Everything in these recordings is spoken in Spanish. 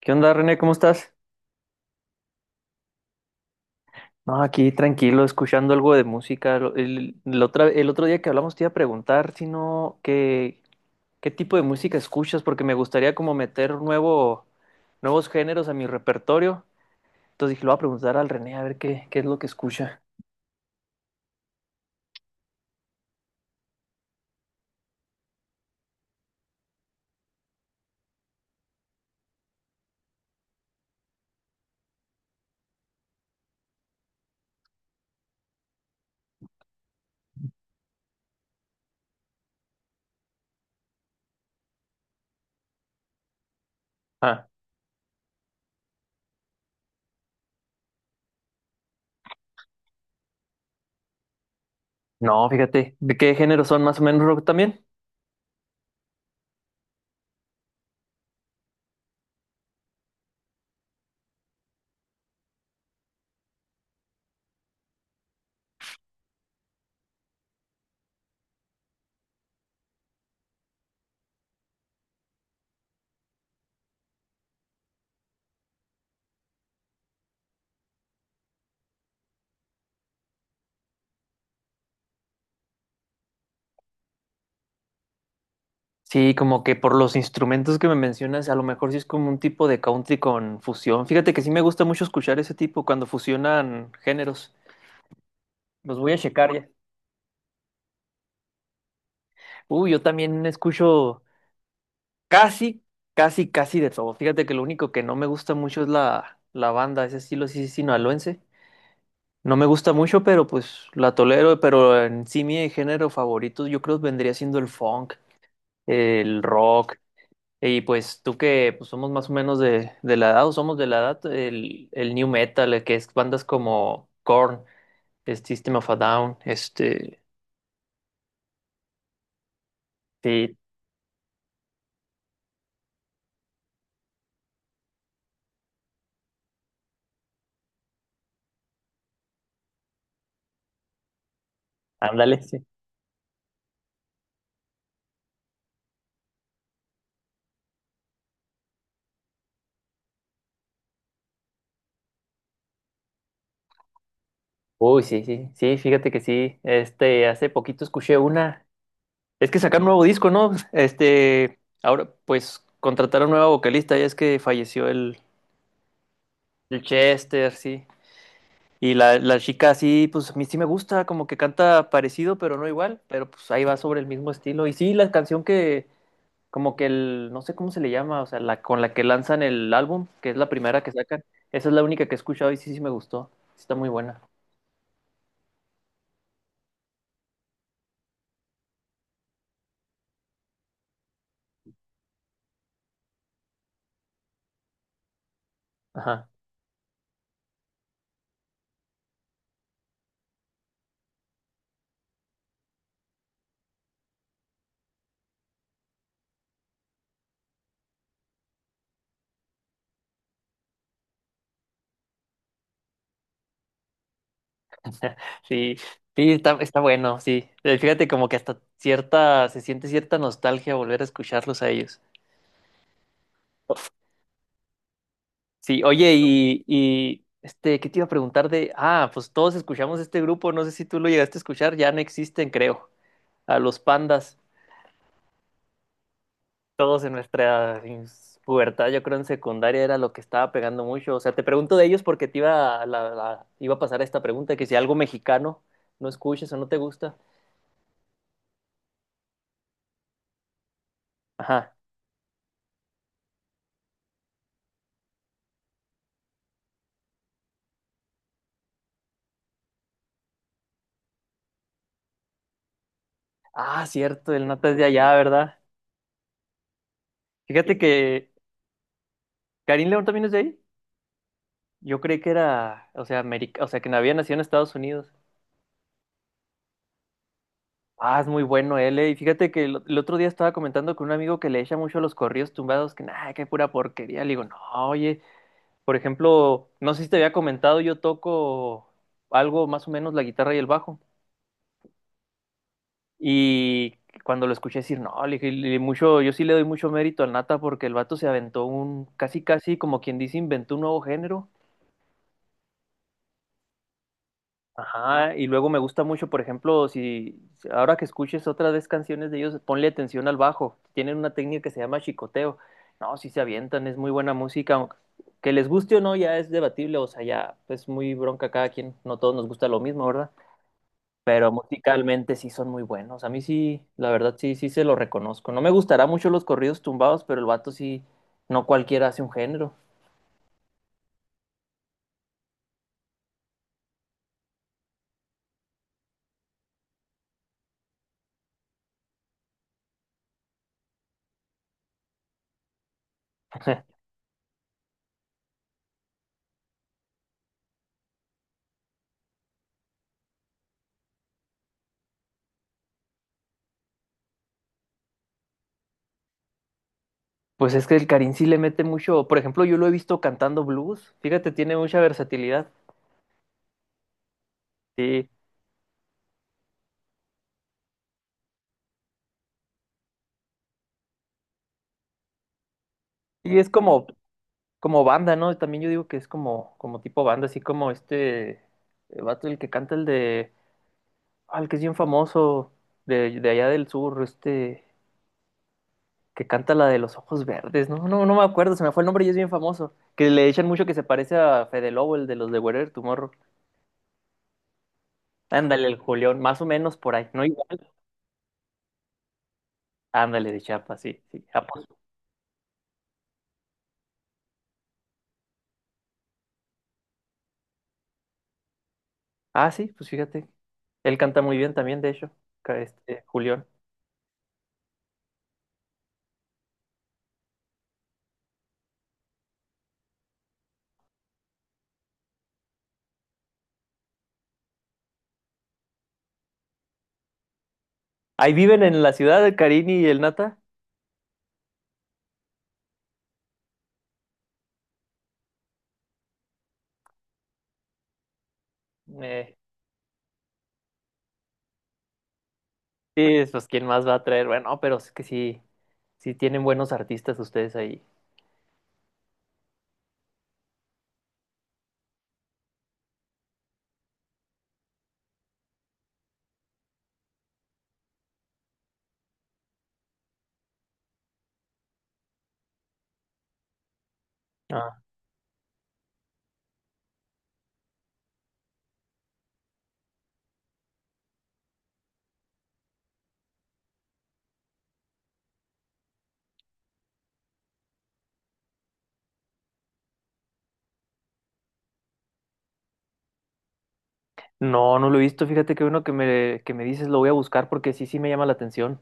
¿Qué onda, René? ¿Cómo estás? No, aquí tranquilo, escuchando algo de música. El otro día que hablamos te iba a preguntar si no, qué, qué tipo de música escuchas, porque me gustaría como meter nuevos géneros a mi repertorio. Entonces dije, lo voy a preguntar al René a ver qué, qué es lo que escucha. Ah, no, fíjate, ¿de qué géneros son más o menos rock también? Sí, como que por los instrumentos que me mencionas, a lo mejor sí es como un tipo de country con fusión. Fíjate que sí me gusta mucho escuchar ese tipo cuando fusionan géneros. Los voy a checar ya. Uy, yo también escucho casi, casi de todo. Fíjate que lo único que no me gusta mucho es la banda, ese estilo sí sinaloense. No me gusta mucho, pero pues la tolero. Pero en sí mi género favorito yo creo vendría siendo el funk, el rock. Y pues tú que pues, somos más o menos de la edad, o somos de la edad, el new metal, el que es bandas como Korn, System of a Down, este... Sí, ándale. Sí. Uy, sí, sí, sí, fíjate que sí. Este, hace poquito escuché una. Es que sacaron un nuevo disco, ¿no? Este, ahora pues contrataron nueva vocalista, ya es que falleció el Chester, sí. Y la chica sí, pues a mí sí me gusta, como que canta parecido, pero no igual, pero pues ahí va sobre el mismo estilo. Y sí, la canción que, como que el, no sé cómo se le llama, o sea, la con la que lanzan el álbum, que es la primera que sacan, esa es la única que he escuchado y sí, sí me gustó. Sí. Está muy buena. Ajá. Sí, sí, está, está bueno, sí. Fíjate como que hasta cierta, se siente cierta nostalgia volver a escucharlos a ellos. Sí, oye, y este, ¿qué te iba a preguntar de? Ah, pues todos escuchamos este grupo, no sé si tú lo llegaste a escuchar, ya no existen, creo. A los pandas, todos en nuestra ins- pubertad, yo creo en secundaria era lo que estaba pegando mucho. O sea, te pregunto de ellos porque te iba a, iba a pasar esta pregunta, que si algo mexicano no escuchas o no te gusta. Ajá. Ah, cierto, el Nata es de allá, ¿verdad? Fíjate que Karim León también es de ahí. Yo creí que era, o sea, América, o sea, que no había nacido en Estados Unidos. Ah, es muy bueno él, eh. Y fíjate que el otro día estaba comentando con un amigo que le echa mucho a los corridos tumbados, que nada, que pura porquería. Le digo, no, oye, por ejemplo, no sé si te había comentado, yo toco algo más o menos la guitarra y el bajo. Y cuando lo escuché decir, no, mucho, yo sí le doy mucho mérito al Nata porque el vato se aventó un, casi casi como quien dice, inventó un nuevo género. Ajá, y luego me gusta mucho, por ejemplo, si ahora que escuches otra vez canciones de ellos, ponle atención al bajo. Tienen una técnica que se llama chicoteo. No, si se avientan, es muy buena música. Aunque- Que les guste o no, ya es debatible, o sea, ya es muy bronca cada quien. No todos nos gusta lo mismo, ¿verdad? Pero musicalmente sí son muy buenos. A mí sí, la verdad sí, sí se lo reconozco. No me gustará mucho los corridos tumbados, pero el vato sí, no cualquiera hace un género. Pues es que el Karin sí le mete mucho. Por ejemplo, yo lo he visto cantando blues. Fíjate, tiene mucha versatilidad. Sí. Y es como, como banda, ¿no? También yo digo que es como, como tipo banda, así como este el vato, el que canta el de. Ah, el que es bien famoso de allá del sur, este. Que canta la de los ojos verdes, ¿no? No, no me acuerdo, se me fue el nombre y es bien famoso. Que le echan mucho que se parece a Fede Lobo, el de los de Wherever Tomorrow. Ándale, el Julián, más o menos por ahí, no igual. Ándale, de Chiapas, sí, sí. Ah, sí, pues fíjate. Él canta muy bien también, de hecho, ca- este, Julián. Ahí viven en la ciudad el Carini y el Nata. Eh, sí, pues quién más va a traer. Bueno, pero es que sí, sí tienen buenos artistas ustedes ahí. Ah. No, no lo he visto. Fíjate que uno que me dices lo voy a buscar porque sí, sí me llama la atención.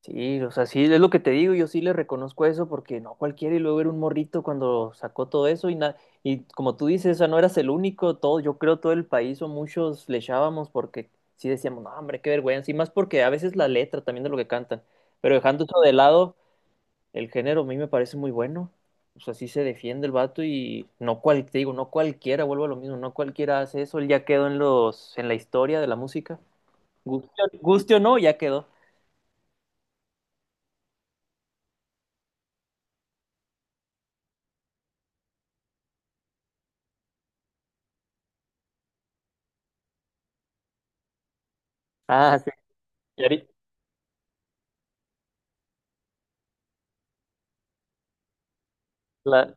Sí, o sea, sí, es lo que te digo, yo sí le reconozco eso porque no cualquiera y luego era un morrito cuando sacó todo eso y, na- y como tú dices, o sea, no eras el único, todo, yo creo todo el país o muchos le echábamos porque sí decíamos, no, hombre, qué vergüenza, y más porque a veces la letra también de lo que cantan, pero dejando eso de lado, el género a mí me parece muy bueno, o sea, sí se defiende el vato y no cual, te digo, no cualquiera, vuelvo a lo mismo, no cualquiera hace eso, él ya quedó en los, en la historia de la música, guste, guste o no, ya quedó. Ah, sí. Y ahorita- la-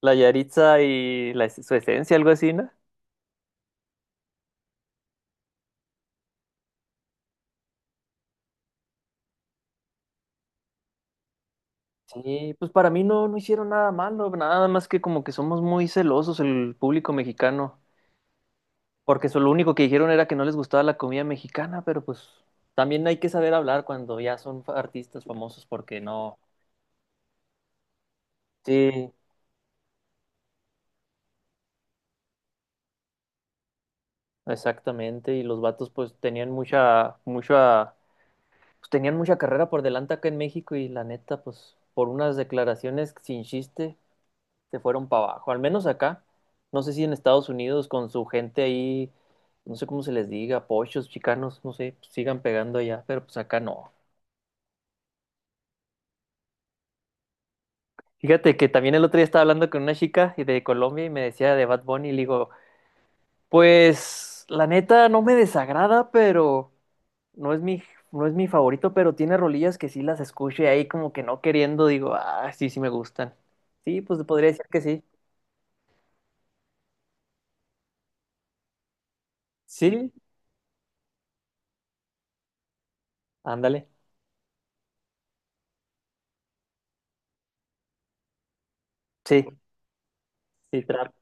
La Yaritza y la es- su esencia, algo así, ¿no? Sí, pues para mí no, no hicieron nada malo, nada más que como que somos muy celosos el público mexicano, porque eso, lo único que dijeron era que no les gustaba la comida mexicana, pero pues también hay que saber hablar cuando ya son fa- artistas famosos, porque no. Sí, exactamente, y los vatos pues tenían mucha, pues tenían mucha carrera por delante acá en México y la neta, pues por unas declaraciones sin chiste, se fueron para abajo, al menos acá. No sé si en Estados Unidos con su gente ahí, no sé cómo se les diga, pochos, chicanos, no sé, pues, sigan pegando allá, pero pues acá no. Fíjate que también el otro día estaba hablando con una chica de Colombia y me decía de Bad Bunny y le digo, pues la neta no me desagrada, pero no es mi, no es mi favorito, pero tiene rolillas que sí las escucho y ahí como que no queriendo digo, ah, sí, sí me gustan. Sí, pues podría decir que sí. Sí, ándale. Sí, sí, trap.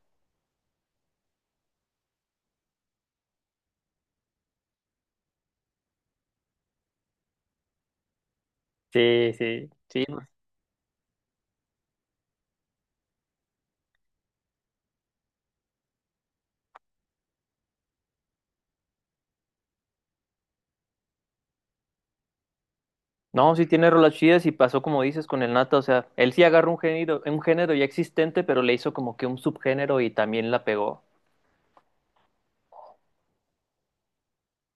Sí, sí, sí. No, sí tiene rolas chidas y pasó como dices con el Nata, o sea, él sí agarró un género ya existente, pero le hizo como que un subgénero y también la pegó.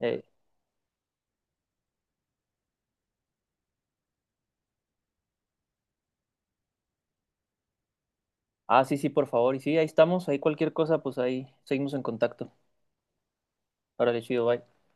Eh, ah, sí, sí, por favor. Y sí, ahí estamos, ahí cualquier cosa, pues ahí seguimos en contacto. Órale, chido, bye.